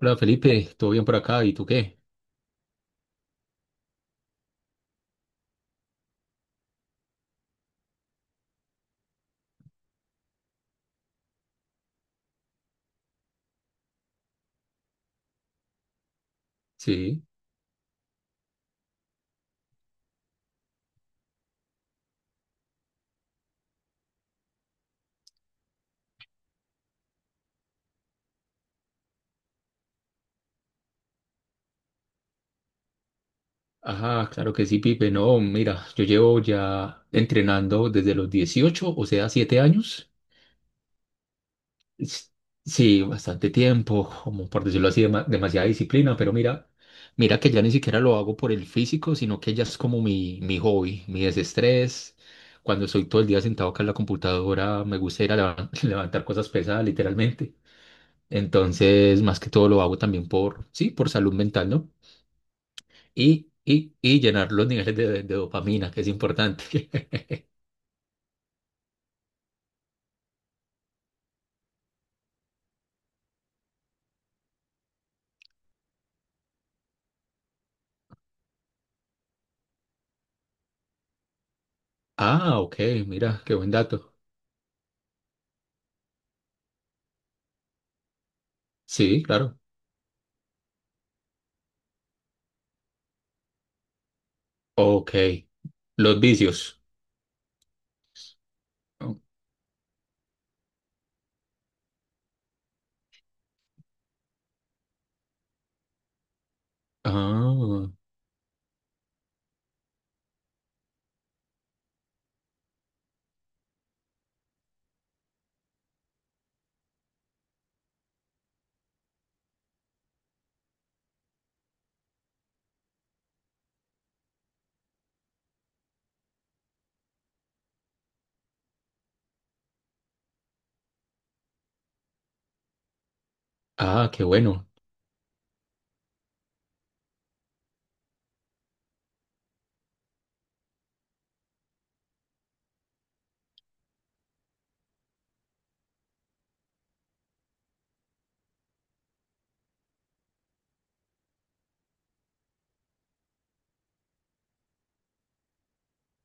Hola Felipe, ¿todo bien por acá? ¿Y tú qué? Sí. Ajá, claro que sí, Pipe. No, mira, yo llevo ya entrenando desde los 18, o sea, 7 años. S- Sí, bastante tiempo, como por decirlo así, demasiada disciplina, pero mira, que ya ni siquiera lo hago por el físico, sino que ya es como mi hobby, mi desestrés. Cuando estoy todo el día sentado acá en la computadora, me gusta ir a levantar cosas pesadas, literalmente. Entonces, más que todo lo hago también por, sí, por salud mental, ¿no? Y llenar los niveles de dopamina, que es importante. Ah, ok, mira, qué buen dato. Sí, claro. Ok. Los vicios. Oh. Ah. Ah, qué bueno.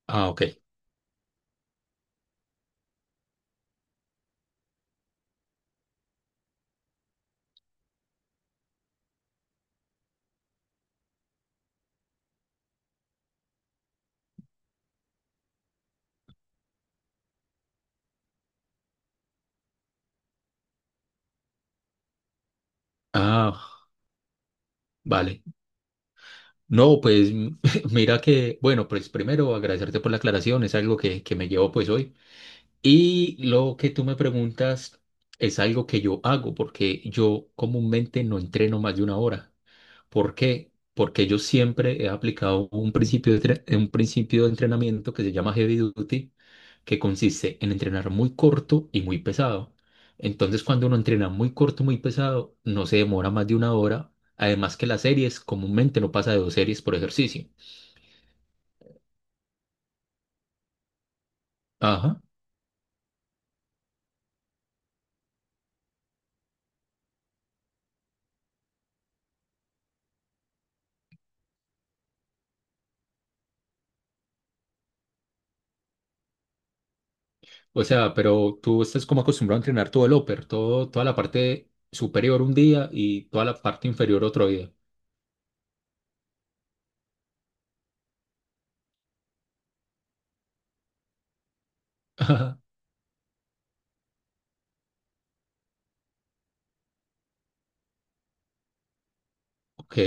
Ah, ok. Ah, vale. No, pues mira que, bueno, pues primero agradecerte por la aclaración, es algo que me llevo pues hoy. Y lo que tú me preguntas es algo que yo hago, porque yo comúnmente no entreno más de una hora. ¿Por qué? Porque yo siempre he aplicado un principio de, un principio de entrenamiento que se llama heavy duty, que consiste en entrenar muy corto y muy pesado. Entonces, cuando uno entrena muy corto, muy pesado, no se demora más de una hora. Además que las series comúnmente no pasa de dos series por ejercicio. Ajá. O sea, pero tú estás como acostumbrado a entrenar todo el upper, todo, toda la parte superior un día y toda la parte inferior otro día. Ajá. Ok,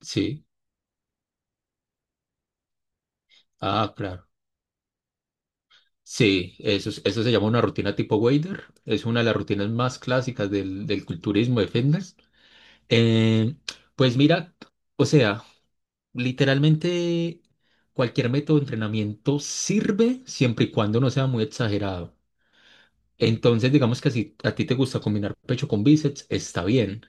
sí. Ah, claro. Sí, eso, eso se llama una rutina tipo wader. Es una de las rutinas más clásicas del culturismo de fitness. Eh, pues mira, o sea, literalmente cualquier método de entrenamiento sirve siempre y cuando no sea muy exagerado. Entonces, digamos que si a ti te gusta combinar pecho con bíceps, está bien.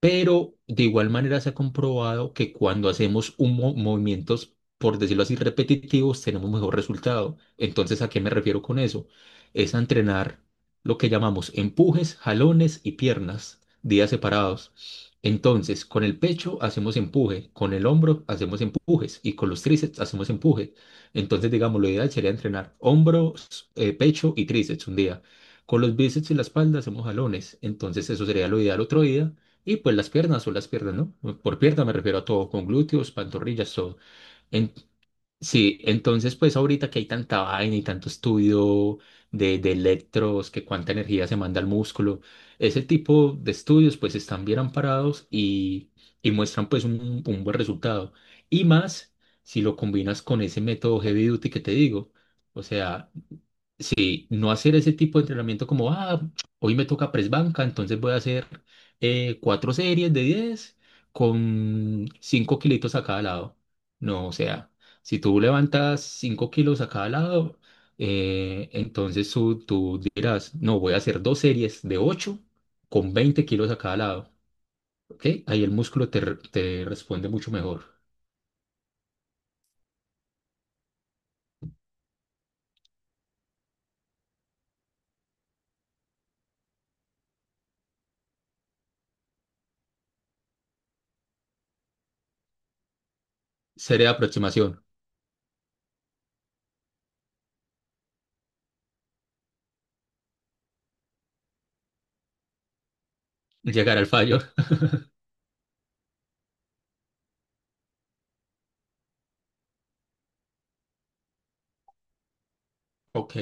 Pero de igual manera se ha comprobado que cuando hacemos un movimientos, por decirlo así, repetitivos, tenemos mejor resultado. Entonces, ¿a qué me refiero con eso? Es a entrenar lo que llamamos empujes, jalones y piernas, días separados. Entonces, con el pecho hacemos empuje, con el hombro hacemos empujes y con los tríceps hacemos empuje. Entonces, digamos, lo ideal sería entrenar hombros, pecho y tríceps un día. Con los bíceps y la espalda hacemos jalones. Entonces, eso sería lo ideal otro día. Y pues las piernas o las piernas, ¿no? Por pierna me refiero a todo, con glúteos, pantorrillas, todo. En- sí, entonces pues ahorita que hay tanta vaina y tanto estudio de electros, que cuánta energía se manda al músculo, ese tipo de estudios pues están bien amparados y muestran pues un buen resultado. Y más si lo combinas con ese método heavy duty que te digo. O sea, sí, no hacer ese tipo de entrenamiento como, ah, hoy me toca press banca, entonces voy a hacer cuatro series de 10 con 5 kilitos a cada lado. No, o sea, si tú levantas 5 kilos a cada lado, entonces tú dirás, no, voy a hacer dos series de 8 con 20 kilos a cada lado. ¿Ok? Ahí el músculo te, te responde mucho mejor. Serie de aproximación, llegar al fallo. Ok.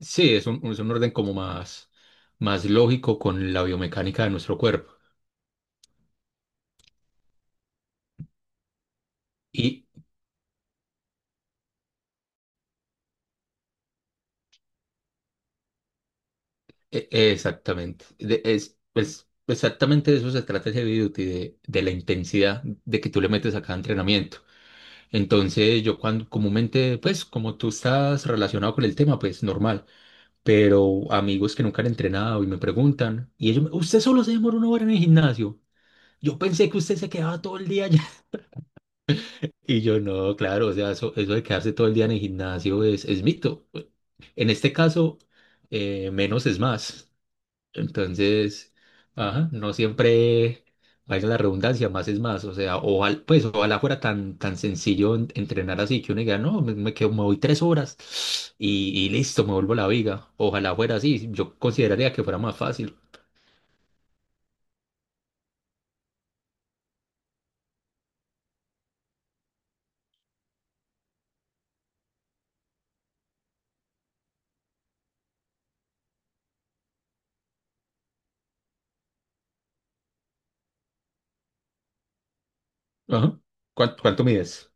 Sí, es un orden como más, más lógico con la biomecánica de nuestro cuerpo. Y exactamente, exactamente de eso se trata ese video, de la intensidad de que tú le metes a cada entrenamiento. Entonces, yo cuando comúnmente, pues como tú estás relacionado con el tema, pues normal. Pero amigos que nunca han entrenado y me preguntan, y ellos, ¿usted solo se demora una hora en el gimnasio? Yo pensé que usted se quedaba todo el día. Y yo no, claro, o sea, eso de quedarse todo el día en el gimnasio es mito. En este caso, menos es más. Entonces, ajá, no siempre, valga la redundancia, más es más. O sea, ojalá, pues, ojalá fuera tan, tan sencillo entrenar así que uno diga, no, me quedo, me voy tres horas y listo, me vuelvo la viga. Ojalá fuera así. Yo consideraría que fuera más fácil. Ajá. ¿Cuánto mides?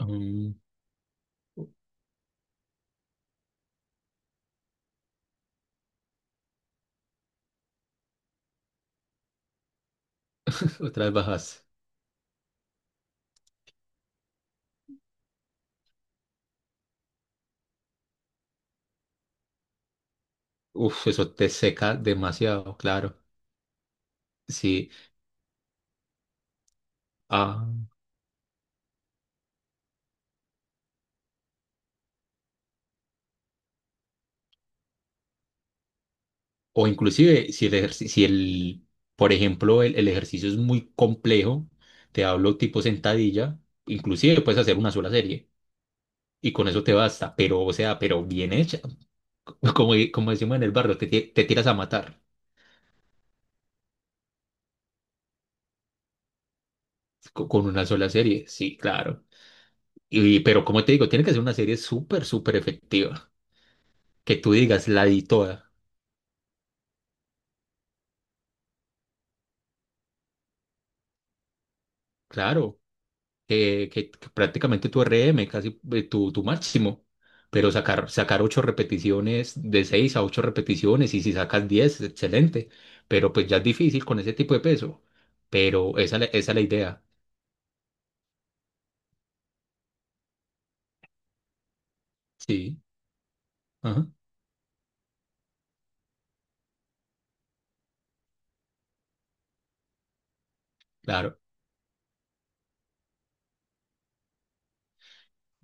Mm. Otra vez bajas. Uf, eso te seca demasiado, claro. Sí, ah, o inclusive si el, ejerci- si el, por ejemplo, el ejercicio es muy complejo, te hablo tipo sentadilla, inclusive puedes hacer una sola serie y con eso te basta, pero o sea, pero bien hecha, como, como decimos en el barrio, te tiras a matar con una sola serie, sí, claro. Y, pero como te digo, tiene que ser una serie súper, súper efectiva, que tú digas, la di toda, claro. Que prácticamente tu RM, casi tu, tu máximo, pero sacar, sacar ocho repeticiones, de seis a ocho repeticiones, y si sacas 10, excelente, pero pues ya es difícil con ese tipo de peso, pero esa, esa es la idea, sí, ajá, claro,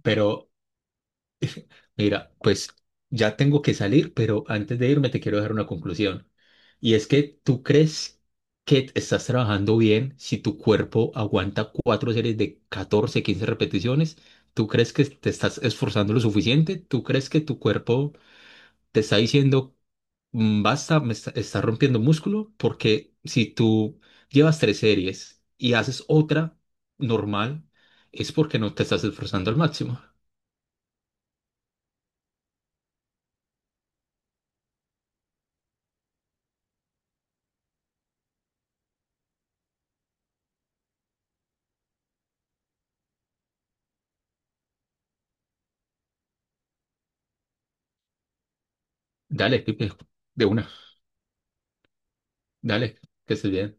pero... Mira, pues ya tengo que salir, pero antes de irme te quiero dejar una conclusión. Y es que tú crees que estás trabajando bien si tu cuerpo aguanta cuatro series de 14, 15 repeticiones. ¿Tú crees que te estás esforzando lo suficiente? ¿Tú crees que tu cuerpo te está diciendo, "Mm, basta, me está, está rompiendo músculo"? Porque si tú llevas tres series y haces otra normal, es porque no te estás esforzando al máximo. Dale, Pipe, de una. Dale, que estés bien.